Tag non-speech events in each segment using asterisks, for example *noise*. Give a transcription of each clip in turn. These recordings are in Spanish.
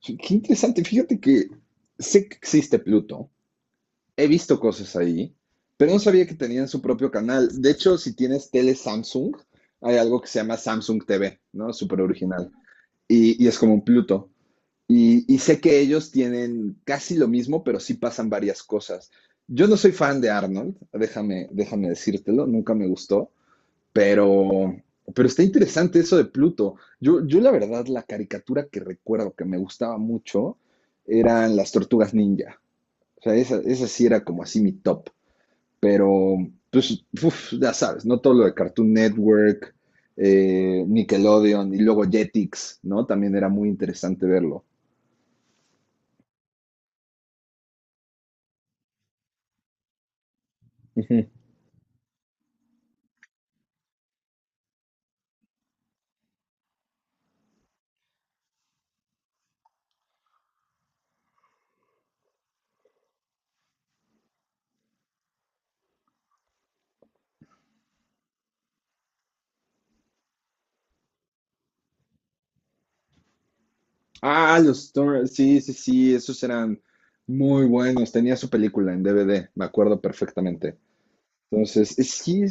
Sí, qué interesante. Fíjate que sé que existe Pluto. He visto cosas ahí, pero no sabía que tenían su propio canal. De hecho, si tienes tele Samsung, hay algo que se llama Samsung TV, ¿no? Súper original. Y es como un Pluto. Y sé que ellos tienen casi lo mismo, pero sí pasan varias cosas. Yo no soy fan de Arnold, déjame decírtelo, nunca me gustó. Pero, pero está interesante eso de Pluto. Yo la verdad, la caricatura que recuerdo que me gustaba mucho eran las tortugas ninja. O sea, esa sí era como así mi top. Pero, pues, uf, ya sabes, no todo lo de Cartoon Network, Nickelodeon y luego Jetix, ¿no? También era muy interesante verlo. Ujú. Ah, sí, sí, sí, esos eran muy buenos. Tenía su película en DVD, me acuerdo perfectamente. Entonces, sí,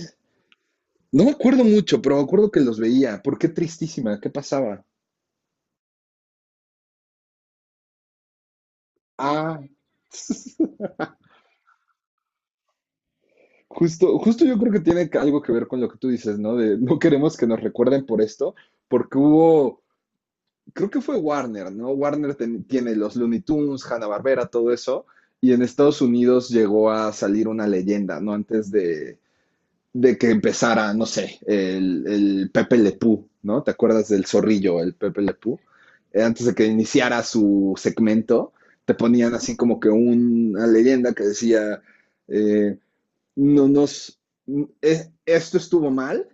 no me acuerdo mucho, pero me acuerdo que los veía. ¿Por qué tristísima? ¿Qué pasaba? Ah, *laughs* justo yo creo que algo que ver con lo que tú dices, ¿no? De no queremos que nos recuerden por esto, porque hubo, creo que fue Warner, ¿no? Warner tiene los Looney Tunes, Hanna-Barbera, todo eso, y en Estados Unidos llegó a salir una leyenda, ¿no? De que empezara, no sé, el Pepe Lepú, ¿no? ¿Te acuerdas del zorrillo, el Pepe Lepú? Antes de que iniciara su segmento, te ponían así como que una leyenda que decía, eh, no nos, esto estuvo mal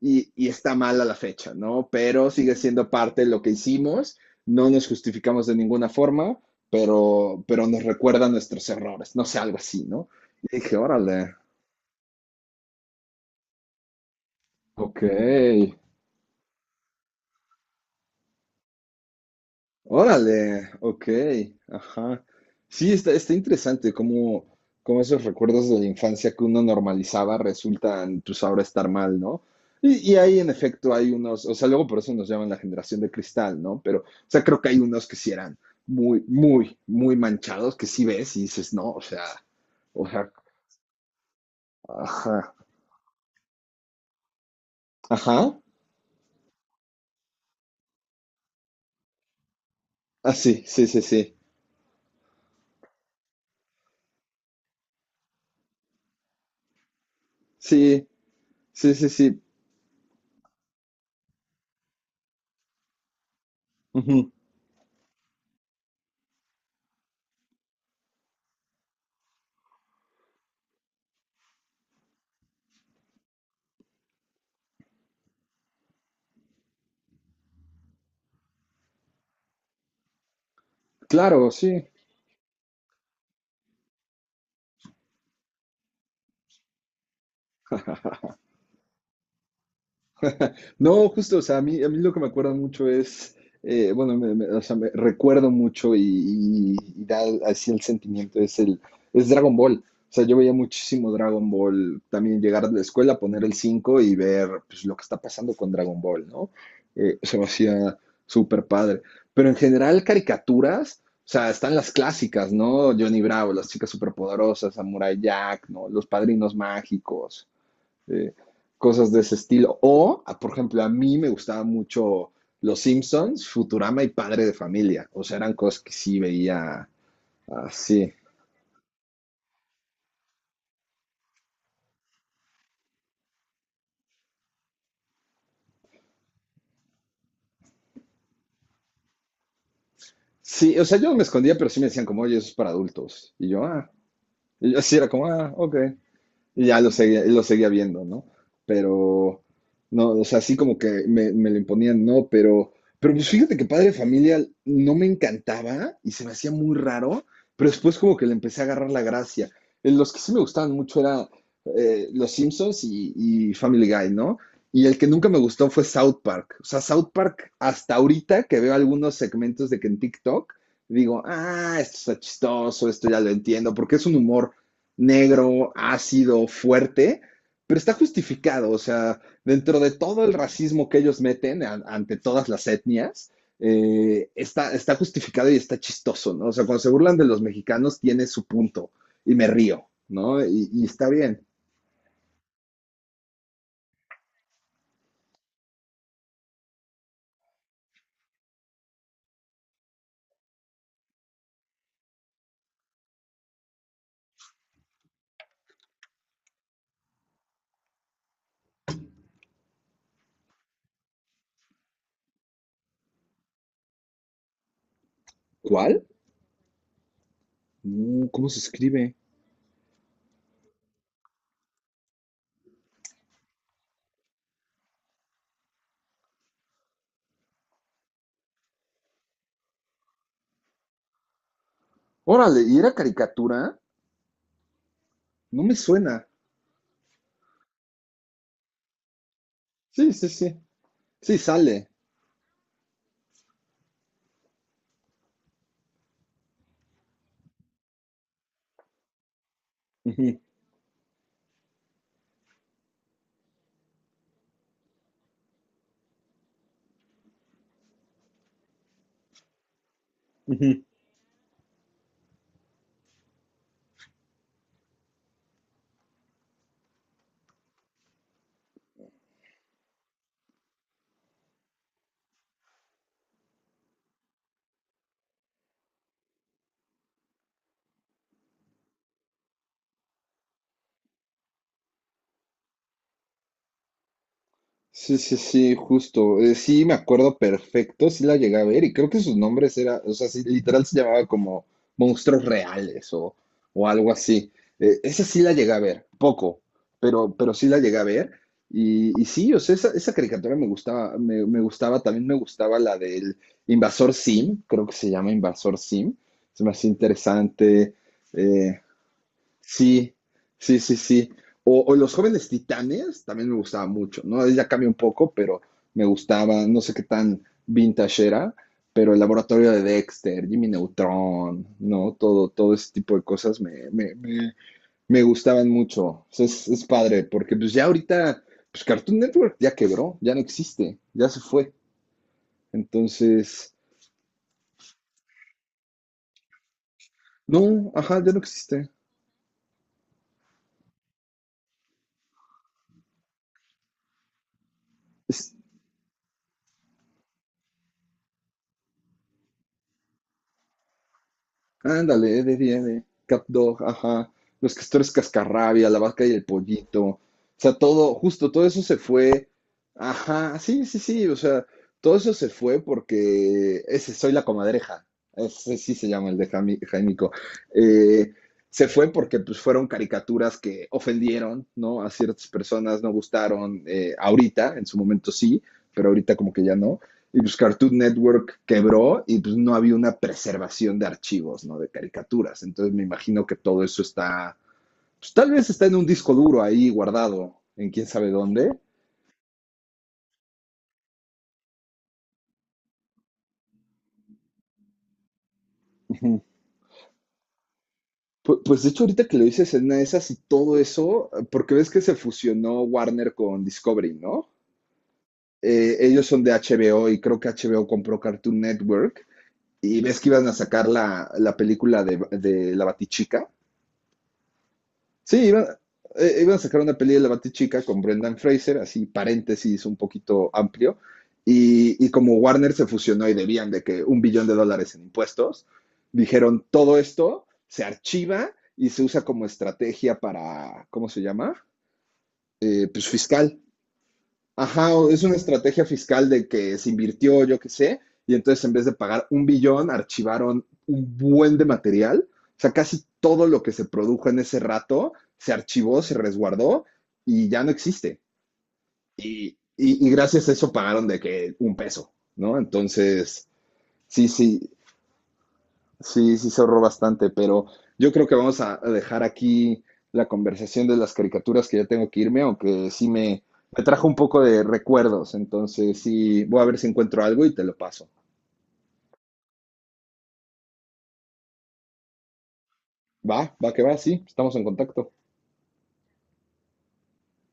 y está mal a la fecha, ¿no? Pero sigue siendo parte de lo que hicimos, no nos justificamos de ninguna forma, pero nos recuerda nuestros errores, no sé, algo así, ¿no? Y dije, órale, ok. Órale, ok, ajá. Sí, está interesante cómo, cómo esos recuerdos de la infancia que uno normalizaba resultan, pues ahora estar mal, ¿no? Y ahí en efecto hay unos, o sea, luego por eso nos llaman la generación de cristal, ¿no? Pero, o sea, creo que hay unos que sí eran muy, muy, muy manchados, que sí ves y dices, no, o sea, ajá, ajá, ah, sí, sí, sí, sí, sí, sí, sí, sí, ujú, claro, sí. *laughs* No, justo, o sea, a mí lo que me acuerda mucho es, bueno, o sea, me recuerdo mucho y da así el sentimiento, es es Dragon Ball. O sea, yo veía muchísimo Dragon Ball, también llegar de la escuela, poner el 5 y ver pues, lo que está pasando con Dragon Ball, ¿no? Se me hacía súper padre. Pero en general, caricaturas, o sea, están las clásicas, ¿no? Johnny Bravo, las chicas superpoderosas, Samurai Jack, ¿no? Los padrinos mágicos, eh, cosas de ese estilo. O, por ejemplo, a mí me gustaba mucho Los Simpsons, Futurama y Padre de Familia. O sea, eran cosas que sí veía así. Sí, o sea, yo me escondía, pero sí me decían como, oye, eso es para adultos. Y yo, ah, y yo así era como, ah, ok. Y ya lo seguía viendo, ¿no? Pero, no, o sea, así como que me lo imponían, no, pero pues fíjate que Padre de Familia no me encantaba y se me hacía muy raro, pero después como que le empecé a agarrar la gracia. Los que sí me gustaban mucho eran Los Simpsons y Family Guy, ¿no? Y el que nunca me gustó fue South Park. O sea, South Park, hasta ahorita que veo algunos segmentos de que en TikTok, digo, ah, esto está chistoso, esto ya lo entiendo, porque es un humor negro, ácido, fuerte, pero está justificado, o sea, dentro de todo el racismo que ellos meten ante todas las etnias, está justificado y está chistoso, ¿no? O sea, cuando se burlan de los mexicanos tiene su punto y me río, ¿no? Y está bien. ¿Cuál? Mm, ¿cómo se escribe? Órale, ¿y era caricatura? No me suena. Sí, sí, sí. Sí, sale. Ujú, ujú. Sí, sí, sí, justo. Sí, me acuerdo perfecto, sí la llegué a ver y creo que sus nombres era, o sea, sí, literal se llamaba como monstruos reales o algo así. Esa sí la llegué a ver, poco, pero sí la llegué a ver. Y sí, o sea, esa caricatura me gustaba, me gustaba, también me gustaba la del Invasor Sim, creo que se llama Invasor Sim, se me hace interesante. Eh, Sí, sí, sí, sí. O Los Jóvenes Titanes también me gustaba mucho, ¿no? Ahí ya cambia un poco, pero me gustaba, no sé qué tan vintage era, pero el laboratorio de Dexter, Jimmy Neutron, ¿no? Todo ese tipo de cosas me gustaban mucho. O sea, es padre, porque pues ya ahorita, pues Cartoon Network ya quebró, ya no existe, ya se fue. Entonces, no, ajá, ya no existe. Ándale, de Cat Dog, ajá. Los castores cascarrabia, la vaca y el pollito. O sea, todo, justo todo eso se fue. Ajá, sí, sí, sí. O sea, todo eso se fue porque ese soy la comadreja. Ese sí se llama el de Jaimico. Eh, Se fue porque pues fueron caricaturas que ofendieron, ¿no? A ciertas personas no gustaron. Eh, ahorita, en su momento sí, pero ahorita como que ya no. Y pues Cartoon Network quebró y pues no había una preservación de archivos, ¿no? De caricaturas. Entonces me imagino que todo eso está, pues tal vez está en un disco duro ahí guardado, en quién sabe dónde. *laughs* Pues de hecho ahorita que lo dices en una de esas y todo eso, porque ves que se fusionó Warner con Discovery, ¿no? Ellos son de HBO y creo que HBO compró Cartoon Network y ves que iban a sacar la película de la Batichica. Sí, iban, iban a sacar una peli de la Batichica con Brendan Fraser, así paréntesis un poquito amplio, y como Warner se fusionó y debían de que un billón de dólares en impuestos, dijeron todo esto se archiva y se usa como estrategia para, ¿cómo se llama? Pues fiscal. Ajá, o es una estrategia fiscal de que se invirtió, yo qué sé, y entonces en vez de pagar un billón, archivaron un buen de material. O sea, casi todo lo que se produjo en ese rato se archivó, se resguardó y ya no existe. Y, y gracias a eso pagaron de que un peso, ¿no? Entonces, sí, sí, sí, sí se ahorró bastante, pero yo creo que vamos a dejar aquí la conversación de las caricaturas que ya tengo que irme, aunque sí me trajo un poco de recuerdos. Entonces, sí, voy a ver si encuentro algo y te lo paso. Va, va que va, sí, estamos en contacto.